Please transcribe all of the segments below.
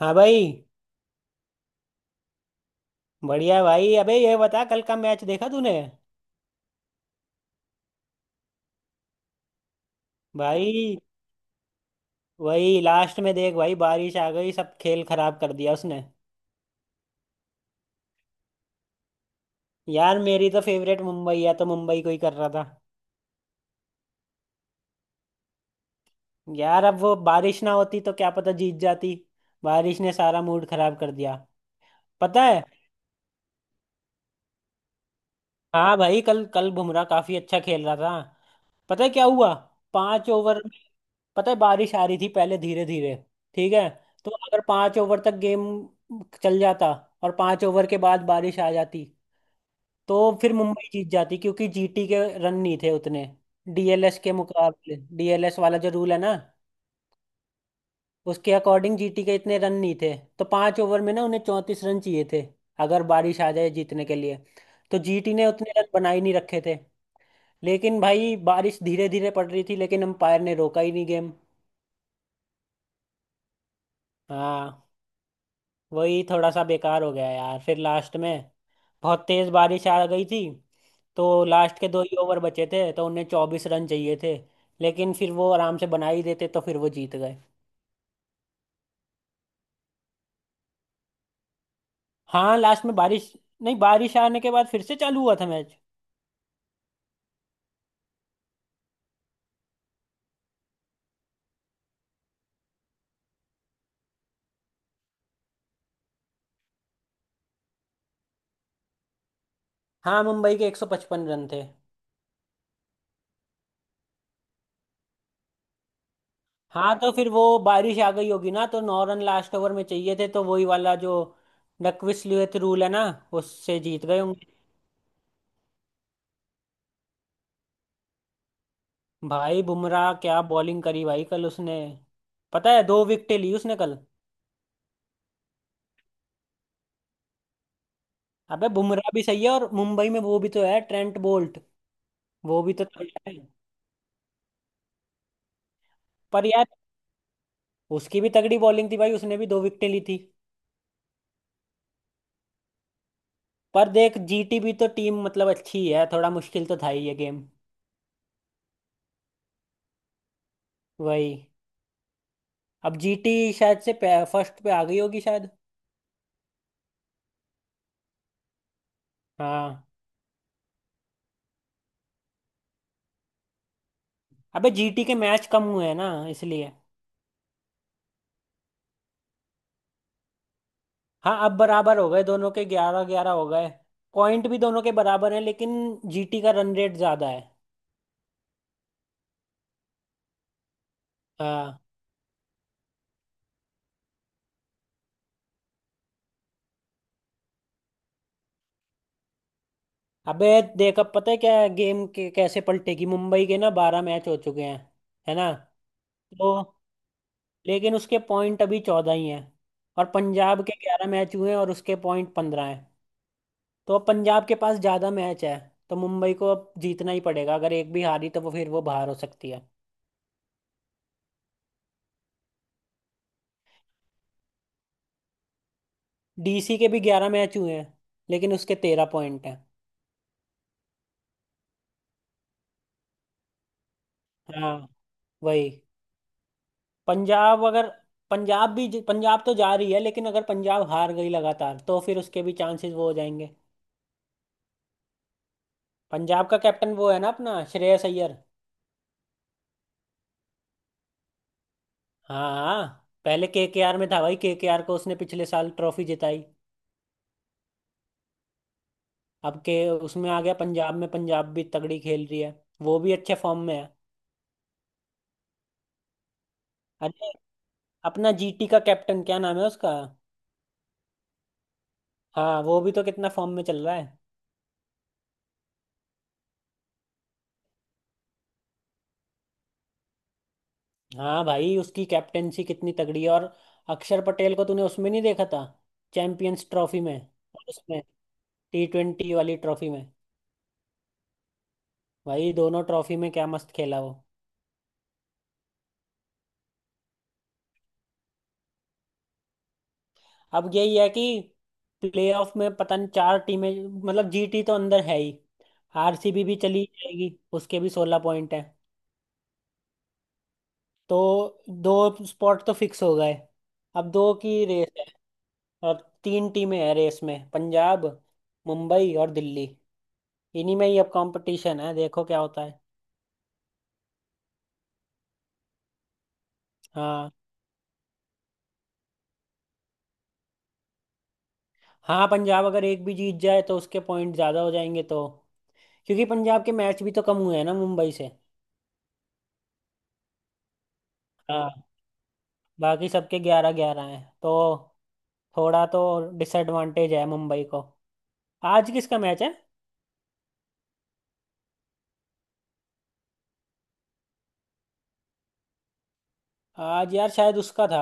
हाँ भाई। बढ़िया है भाई, अबे ये बता कल का मैच देखा तूने? भाई वही लास्ट में देख भाई, बारिश आ गई, सब खेल खराब कर दिया उसने। यार मेरी तो फेवरेट मुंबई है तो मुंबई को ही कर रहा था। यार अब वो बारिश ना होती तो क्या पता जीत जाती। बारिश ने सारा मूड खराब कर दिया। पता है। हाँ भाई, कल कल बुमराह काफी अच्छा खेल रहा था। पता है क्या हुआ? पांच ओवर। पता है बारिश आ रही थी पहले धीरे धीरे। ठीक है। तो अगर 5 ओवर तक गेम चल जाता और 5 ओवर के बाद बारिश आ जाती तो फिर मुंबई जीत जाती क्योंकि जीटी के रन नहीं थे उतने। डीएलएस के मुकाबले, डीएलएस वाला जो रूल है ना, उसके अकॉर्डिंग जीटी के इतने रन नहीं थे, तो 5 ओवर में ना उन्हें 34 रन चाहिए थे अगर बारिश आ जाए जीतने के लिए। तो जीटी ने उतने रन बना ही नहीं रखे थे। लेकिन भाई बारिश धीरे धीरे पड़ रही थी, लेकिन अंपायर ने रोका ही नहीं गेम। हाँ, वही थोड़ा सा बेकार हो गया यार। फिर लास्ट में बहुत तेज बारिश आ गई थी, तो लास्ट के दो ही ओवर बचे थे, तो उन्हें 24 रन चाहिए थे। लेकिन फिर वो आराम से बना ही देते तो फिर वो जीत गए। हाँ लास्ट में बारिश। नहीं, बारिश आने के बाद फिर से चालू हुआ था मैच। हाँ मुंबई के 155 रन थे। हाँ तो फिर वो बारिश आ गई होगी ना, तो 9 रन लास्ट ओवर में चाहिए थे, तो वही वाला जो डकविसलियत रूल है ना, उससे जीत गए होंगे। भाई बुमराह क्या बॉलिंग करी भाई कल उसने। पता है, दो विकेटें ली उसने कल। अबे बुमराह भी सही है, और मुंबई में वो भी तो है, ट्रेंट बोल्ट। वो भी तो तगड़ा है। पर यार उसकी भी तगड़ी बॉलिंग थी भाई, उसने भी दो विकेटें ली थी। पर देख जीटी भी तो टीम मतलब अच्छी है, थोड़ा मुश्किल तो था ही ये गेम। वही। अब जीटी शायद से फर्स्ट पे आ गई होगी शायद। हाँ। अबे जीटी के मैच कम हुए हैं ना इसलिए। हाँ अब बराबर हो गए, दोनों के ग्यारह ग्यारह हो गए। पॉइंट भी दोनों के बराबर हैं, लेकिन जीटी का रन रेट ज्यादा है। हाँ। अबे देख अब पता है क्या है, गेम के कैसे पलटेगी, मुंबई के ना 12 मैच हो चुके हैं, है ना? तो लेकिन उसके पॉइंट अभी 14 ही हैं। और पंजाब के 11 मैच हुए हैं और उसके पॉइंट 15 हैं। तो अब पंजाब के पास ज़्यादा मैच है तो मुंबई को अब जीतना ही पड़ेगा, अगर एक भी हारी तो वो फिर वो बाहर हो सकती है। डीसी के भी 11 मैच हुए हैं, लेकिन उसके 13 पॉइंट हैं। हाँ वही। पंजाब अगर, पंजाब भी, पंजाब तो जा रही है, लेकिन अगर पंजाब हार गई लगातार तो फिर उसके भी चांसेस वो हो जाएंगे। पंजाब का कैप्टन वो है ना, अपना श्रेयस अय्यर। हाँ हाँ, पहले केकेआर में था भाई, केकेआर को उसने पिछले साल ट्रॉफी जिताई। अब के उसमें आ गया पंजाब में, पंजाब भी तगड़ी खेल रही है। वो भी अच्छे फॉर्म में है। अरे अपना जीटी का कैप्टन क्या नाम है उसका? हाँ वो भी तो कितना फॉर्म में चल रहा है। हाँ भाई उसकी कैप्टेंसी कितनी तगड़ी है। और अक्षर पटेल को तूने उसमें नहीं देखा था? चैंपियंस ट्रॉफी में और उसमें T20 वाली ट्रॉफी में। भाई दोनों ट्रॉफी में क्या मस्त खेला वो। अब यही है कि प्लेऑफ में पता नहीं चार टीमें, मतलब जीटी तो अंदर है ही। आरसीबी भी चली जाएगी, उसके भी 16 पॉइंट है। तो दो स्पॉट तो फिक्स हो गए। अब दो की रेस है, और तीन टीमें हैं रेस में, पंजाब, मुंबई और दिल्ली। इन्हीं में ही अब कंपटीशन है, देखो क्या होता है। हाँ। हाँ पंजाब अगर एक भी जीत जाए तो उसके पॉइंट ज़्यादा हो जाएंगे, तो क्योंकि पंजाब के मैच भी तो कम हुए हैं ना मुंबई से। हाँ बाकी सबके ग्यारह ग्यारह हैं, तो थोड़ा तो डिसएडवांटेज है मुंबई को। आज किसका मैच है? आज यार शायद उसका था,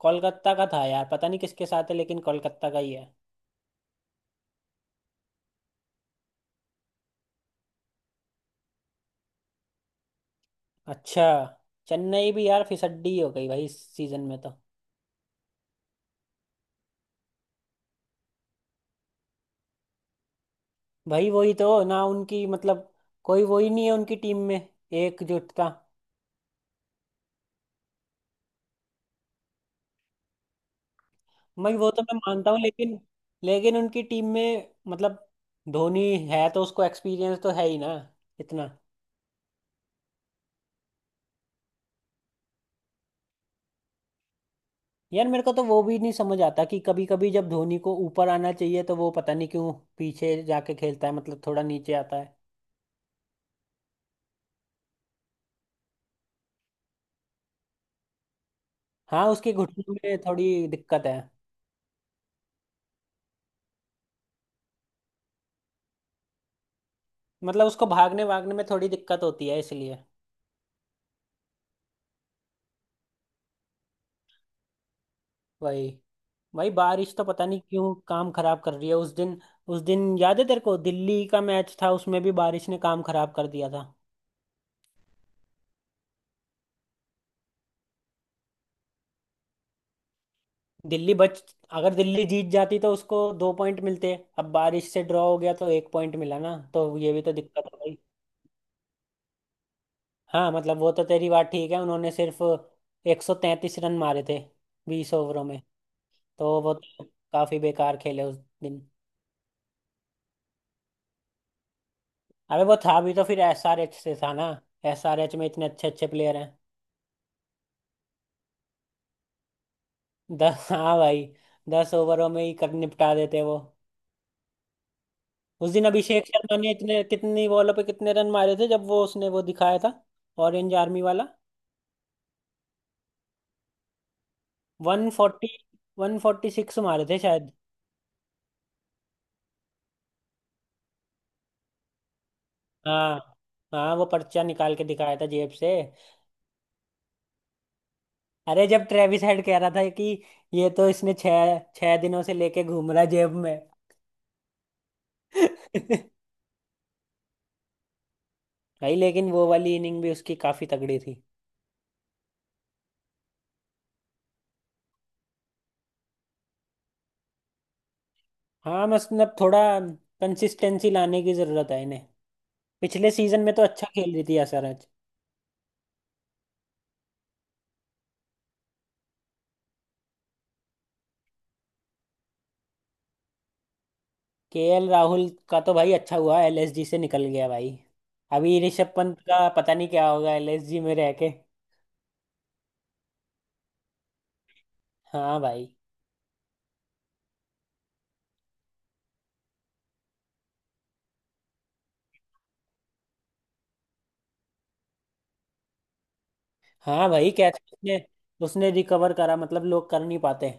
कोलकाता का था यार, पता नहीं किसके साथ है लेकिन कोलकाता का ही है। अच्छा। चेन्नई भी यार फिसड्डी हो गई भाई इस सीजन में तो। भाई वही तो ना, उनकी मतलब कोई वही नहीं है उनकी टीम में, एकजुटता। मैं वो तो मैं मानता हूँ, लेकिन लेकिन उनकी टीम में मतलब धोनी है तो उसको एक्सपीरियंस तो है ही ना, इतना। यार मेरे को तो वो भी नहीं समझ आता कि कभी कभी जब धोनी को ऊपर आना चाहिए तो वो पता नहीं क्यों पीछे जाके खेलता है, मतलब थोड़ा नीचे आता है। हाँ उसके घुटने में थोड़ी दिक्कत है। मतलब उसको भागने भागने में थोड़ी दिक्कत होती है इसलिए। वही। भाई बारिश तो पता नहीं क्यों काम खराब कर रही है उस दिन। उस दिन याद है तेरे को दिल्ली का मैच था, उसमें भी बारिश ने काम खराब कर दिया था। दिल्ली बच अगर दिल्ली जीत जाती तो उसको दो पॉइंट मिलते। अब बारिश से ड्रॉ हो गया तो एक पॉइंट मिला ना, तो ये भी तो दिक्कत है। हाँ मतलब वो तो तेरी बात ठीक है, उन्होंने सिर्फ 133 रन मारे थे 20 ओवरों में। तो वो तो काफी बेकार खेले उस दिन। अबे वो था भी तो फिर एसआरएच से था ना, एसआरएच में इतने अच्छे अच्छे प्लेयर हैं। दस, हाँ भाई दस ओवरों में ही कर निपटा देते वो। उस दिन अभिषेक शर्मा ने इतने, कितनी बॉलों पे कितने रन मारे थे, जब वो उसने वो दिखाया था ऑरेंज आर्मी वाला। वन फोर्टी 146 मारे थे शायद। हाँ हाँ वो पर्चा निकाल के दिखाया था जेब से। अरे जब ट्रेविस हेड कह रहा था कि ये तो इसने छह छह दिनों से लेके घूम रहा जेब में। भाई लेकिन वो वाली इनिंग भी उसकी काफी तगड़ी थी। हाँ मतलब थोड़ा कंसिस्टेंसी लाने की जरूरत है इन्हें। पिछले सीजन में तो अच्छा खेल रही थी असरज। केएल राहुल का तो भाई अच्छा हुआ एलएसजी से निकल गया भाई। अभी ऋषभ पंत का पता नहीं क्या होगा एलएसजी में रह के। हाँ भाई। हाँ भाई कैसे उसने उसने रिकवर करा, मतलब लोग कर नहीं पाते।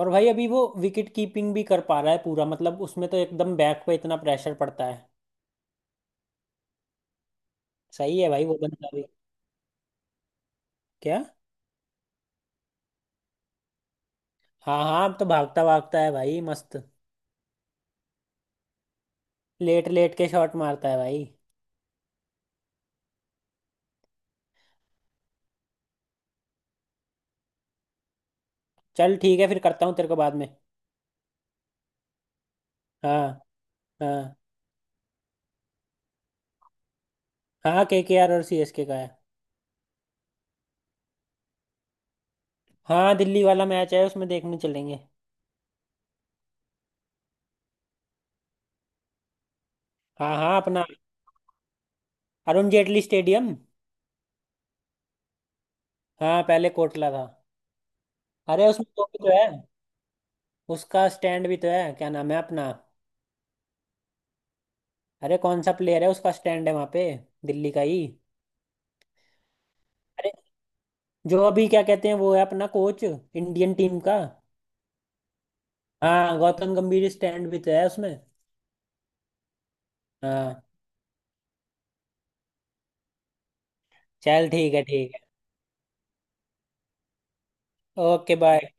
और भाई अभी वो विकेट कीपिंग भी कर पा रहा है पूरा, मतलब उसमें तो एकदम बैक पे इतना प्रेशर पड़ता है। सही है भाई, वो बंदा भी क्या। हाँ हाँ, अब तो भागता भागता है भाई मस्त। लेट लेट के शॉट मारता है भाई। चल ठीक है, फिर करता हूँ तेरे को बाद में। हाँ। हाँ हाँ, KKR और CSK का है। हाँ दिल्ली वाला मैच है, उसमें देखने चलेंगे। हाँ हाँ अपना अरुण जेटली स्टेडियम। हाँ पहले कोटला था। अरे उसमें वो भी तो है, उसका स्टैंड भी तो है, क्या नाम है अपना। अरे कौन सा प्लेयर है, उसका स्टैंड है वहाँ पे, दिल्ली का ही। जो अभी क्या कहते हैं वो है अपना कोच इंडियन टीम का। हाँ गौतम गंभीर स्टैंड भी तो है उसमें। हाँ। चल ठीक है, ठीक है। Okay, bye.